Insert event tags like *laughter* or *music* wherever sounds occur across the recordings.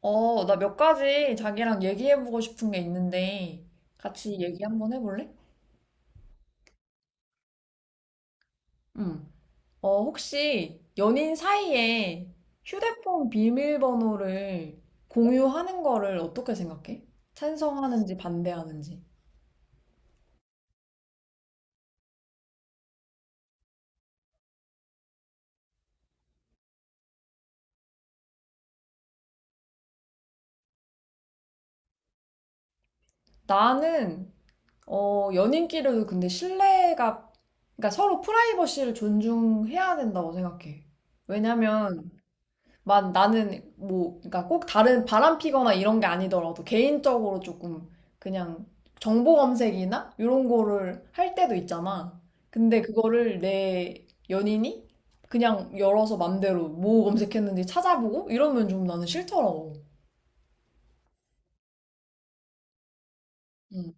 나 몇 가지 자기랑 얘기해보고 싶은 게 있는데, 같이 얘기 한번 해볼래? 응. 혹시 연인 사이에 휴대폰 비밀번호를 공유하는 거를 어떻게 생각해? 찬성하는지 반대하는지. 나는, 연인끼리도 근데 신뢰가, 그러니까 서로 프라이버시를 존중해야 된다고 생각해. 왜냐면, 만 나는 뭐 그러니까 꼭 다른 바람 피거나 이런 게 아니더라도 개인적으로 조금 그냥 정보 검색이나 이런 거를 할 때도 있잖아. 근데 그거를 내 연인이 그냥 열어서 맘대로 뭐 검색했는지 찾아보고 이러면 좀 나는 싫더라고. 응.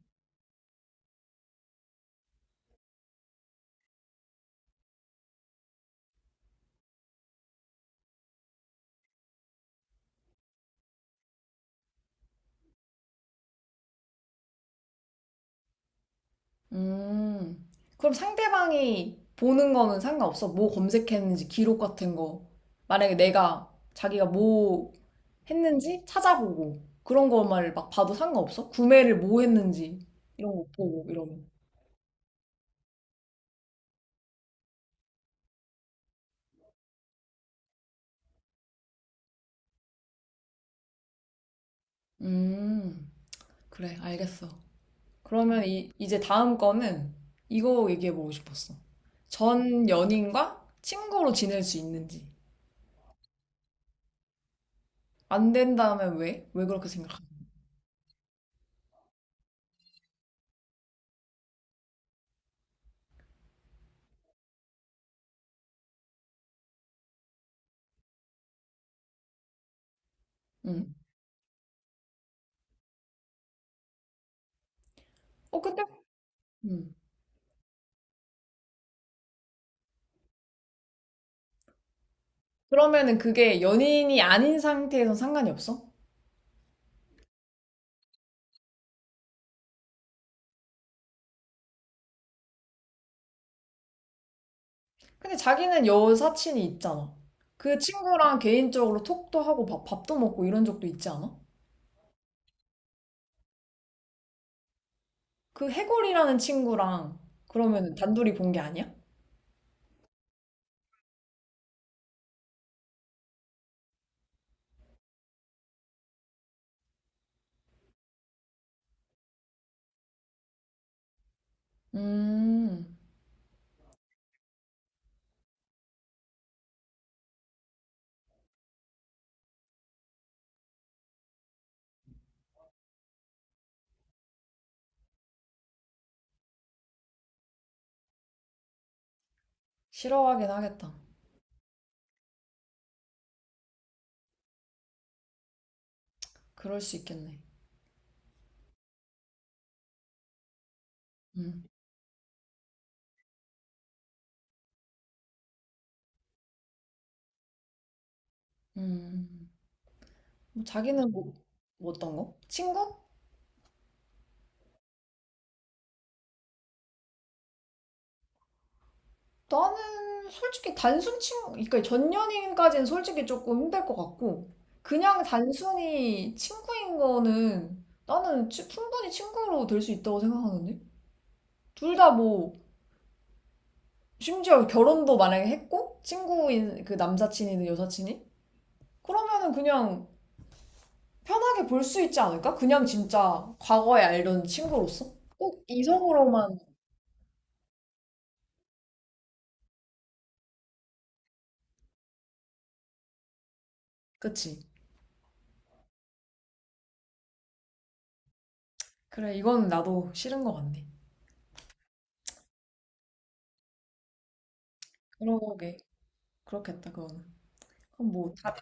음, 그럼 상대방이 보는 거는 상관없어? 뭐 검색했는지 기록 같은 거. 만약에 내가 자기가 뭐 했는지 찾아보고 그런 것만 막 봐도 상관없어? 구매를 뭐 했는지 이런 거 보고 이러면. 음, 그래, 알겠어. 그러면 이제 다음 거는 이거 얘기해보고 싶었어. 전 연인과 친구로 지낼 수 있는지. 안 된다면 왜? 왜 그렇게 생각하는? 응. 근데? 그러면은 그게 연인이 아닌 상태에선 상관이 없어? 근데 자기는 여사친이 있잖아. 그 친구랑 개인적으로 톡도 하고 밥도 먹고 이런 적도 있지 않아? 그 해골이라는 친구랑 그러면은 단둘이 본 게 아니야? 음, 싫어하긴 하겠다. 그럴 수 있겠네. 음, 음. 뭐 자기는 뭐, 뭐 어떤 거? 친구? 나는 솔직히 단순 친구, 그러니까 전 연인까지는 솔직히 조금 힘들 것 같고, 그냥 단순히 친구인 거는 충분히 친구로 될 수 있다고 생각하는데? 둘 다 뭐, 심지어 결혼도 만약에 했고, 친구인, 그 남사친이든 여사친이? 그러면은 그냥 편하게 볼 수 있지 않을까? 그냥 진짜 과거에 알던 친구로서? 꼭 이성으로만, 그치? 그래, 이건 나도 싫은 것 같네. 그러게, 그렇겠다, 그거는. 그럼 뭐, 다,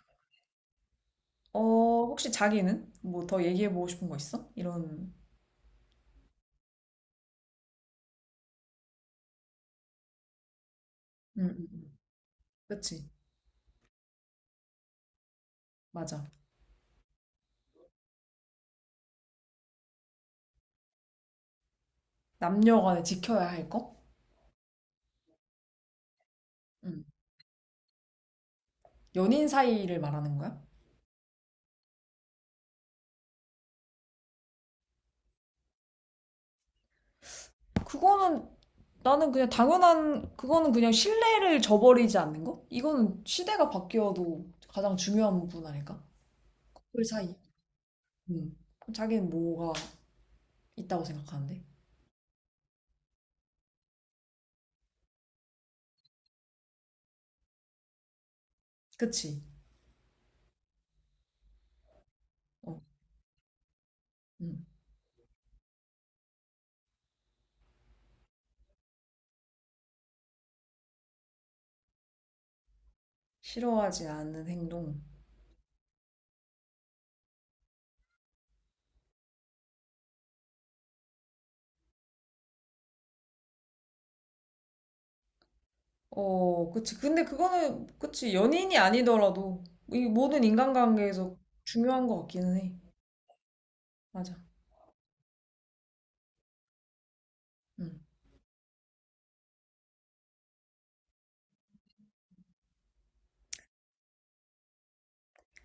어, 혹시 자기는 뭐 더 얘기해보고 싶은 거 있어? 이런, 음, 음, 음. 그치, 맞아. 남녀 간에 지켜야 할 거? 음. 연인 사이를 말하는 거야? 그거는 나는 그냥 당연한, 그거는 그냥 신뢰를 저버리지 않는 거? 이거는 시대가 바뀌어도 가장 중요한 부분 아닐까? 커플 사이. 음. 그럼 자기는 뭐가 있다고 생각하는데? 그치? 어, 음. 싫어하지 않는 행동. 어, 그치. 근데 그거는, 그치. 연인이 아니더라도, 이 모든 인간관계에서 중요한 것 같기는 해. 맞아. 음.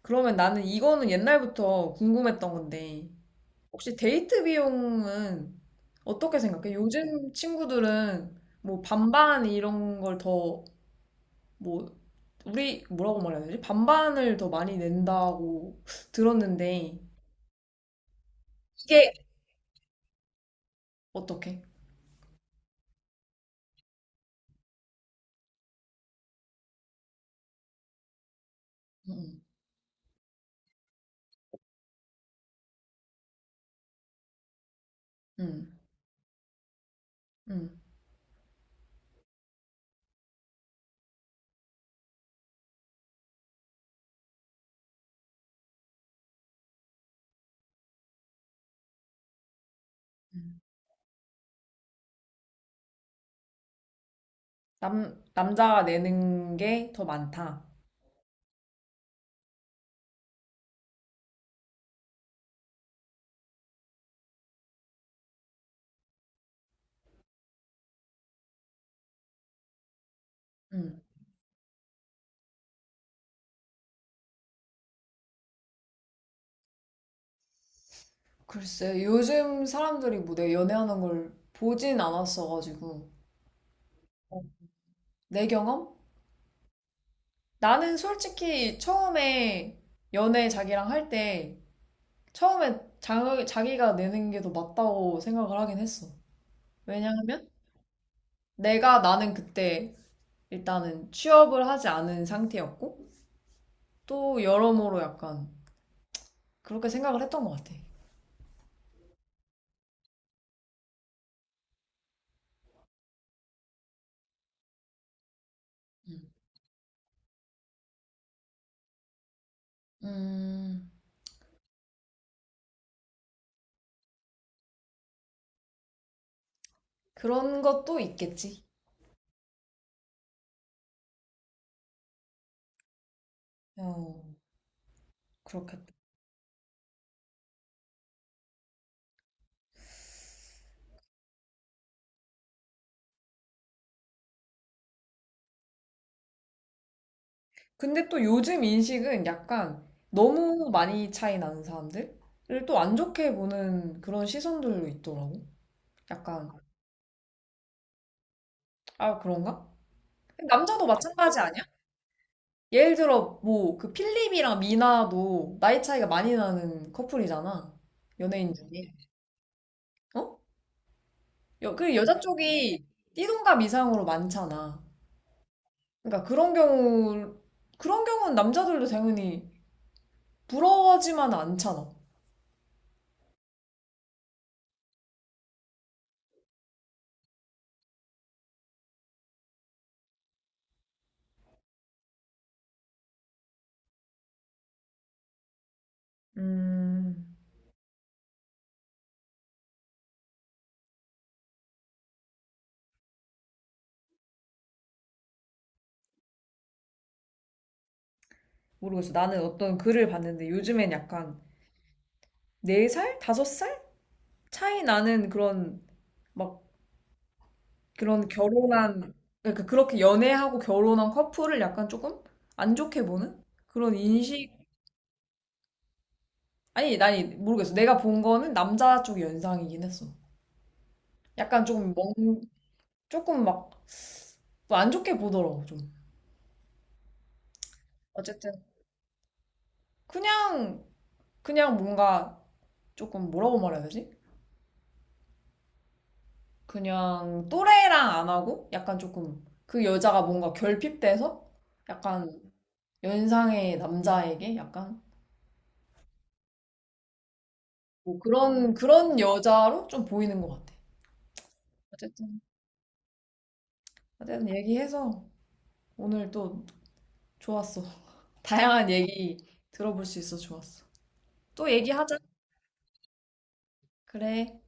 그러면 나는 이거는 옛날부터 궁금했던 건데, 혹시 데이트 비용은 어떻게 생각해? 요즘 친구들은 뭐 반반 이런 걸 더, 뭐, 우리, 뭐라고 말해야 되지? 반반을 더 많이 낸다고 들었는데, 이게 어떻게? 응, 응, 응. 응. 남자가 내는 게 더 많다. 음. 글쎄, 요즘 사람들이 뭐 내가 연애하는 걸 보진 않았어가지고. 어. 내 경험? 나는 솔직히 처음에 연애 자기랑 할 때 처음에 자기가 내는 게 더 맞다고 생각을 하긴 했어. 왜냐하면 내가 나는 그때 일단은 취업을 하지 않은 상태였고 또 여러모로 약간 그렇게 생각을 했던 것 같아. 음, 음, 그런 것도 있겠지. 어, 그렇겠다. 근데 또 요즘 인식은 약간 너무 많이 차이 나는 사람들을 또 안 좋게 보는 그런 시선들도 있더라고. 약간, 아, 그런가? 남자도 마찬가지 아니야? 예를 들어, 뭐, 그 필립이랑 미나도 나이 차이가 많이 나는 커플이잖아. 연예인 중에. 어? 여, 그 여자 쪽이 띠동갑 이상으로 많잖아. 그러니까 그런 경우, 그런 경우는 남자들도 당연히 부러워하지만 않잖아. 음. 모르겠어. 나는 어떤 글을 봤는데 요즘엔 약간 4살? 5살? 차이 나는 그런 막 그런 결혼한 그러니까 그렇게 연애하고 결혼한 커플을 약간 조금 안 좋게 보는 그런 인식 아니 아니 모르겠어. 내가 본 거는 남자 쪽 연상이긴 했어. 약간 조금 멍 조금 막 안 좋게 보더라고 좀. 어쨌든 그냥 그냥 뭔가 조금 뭐라고 말해야 되지? 그냥 또래랑 안 하고 약간 조금 그 여자가 뭔가 결핍돼서 약간 연상의 남자에게 약간 뭐 그런 그런 여자로 좀 보이는 것 같아. 어쨌든 어쨌든 얘기해서 오늘 또 좋았어. *laughs* 다양한 얘기 들어볼 수 있어 좋았어. 또 얘기하자. 그래.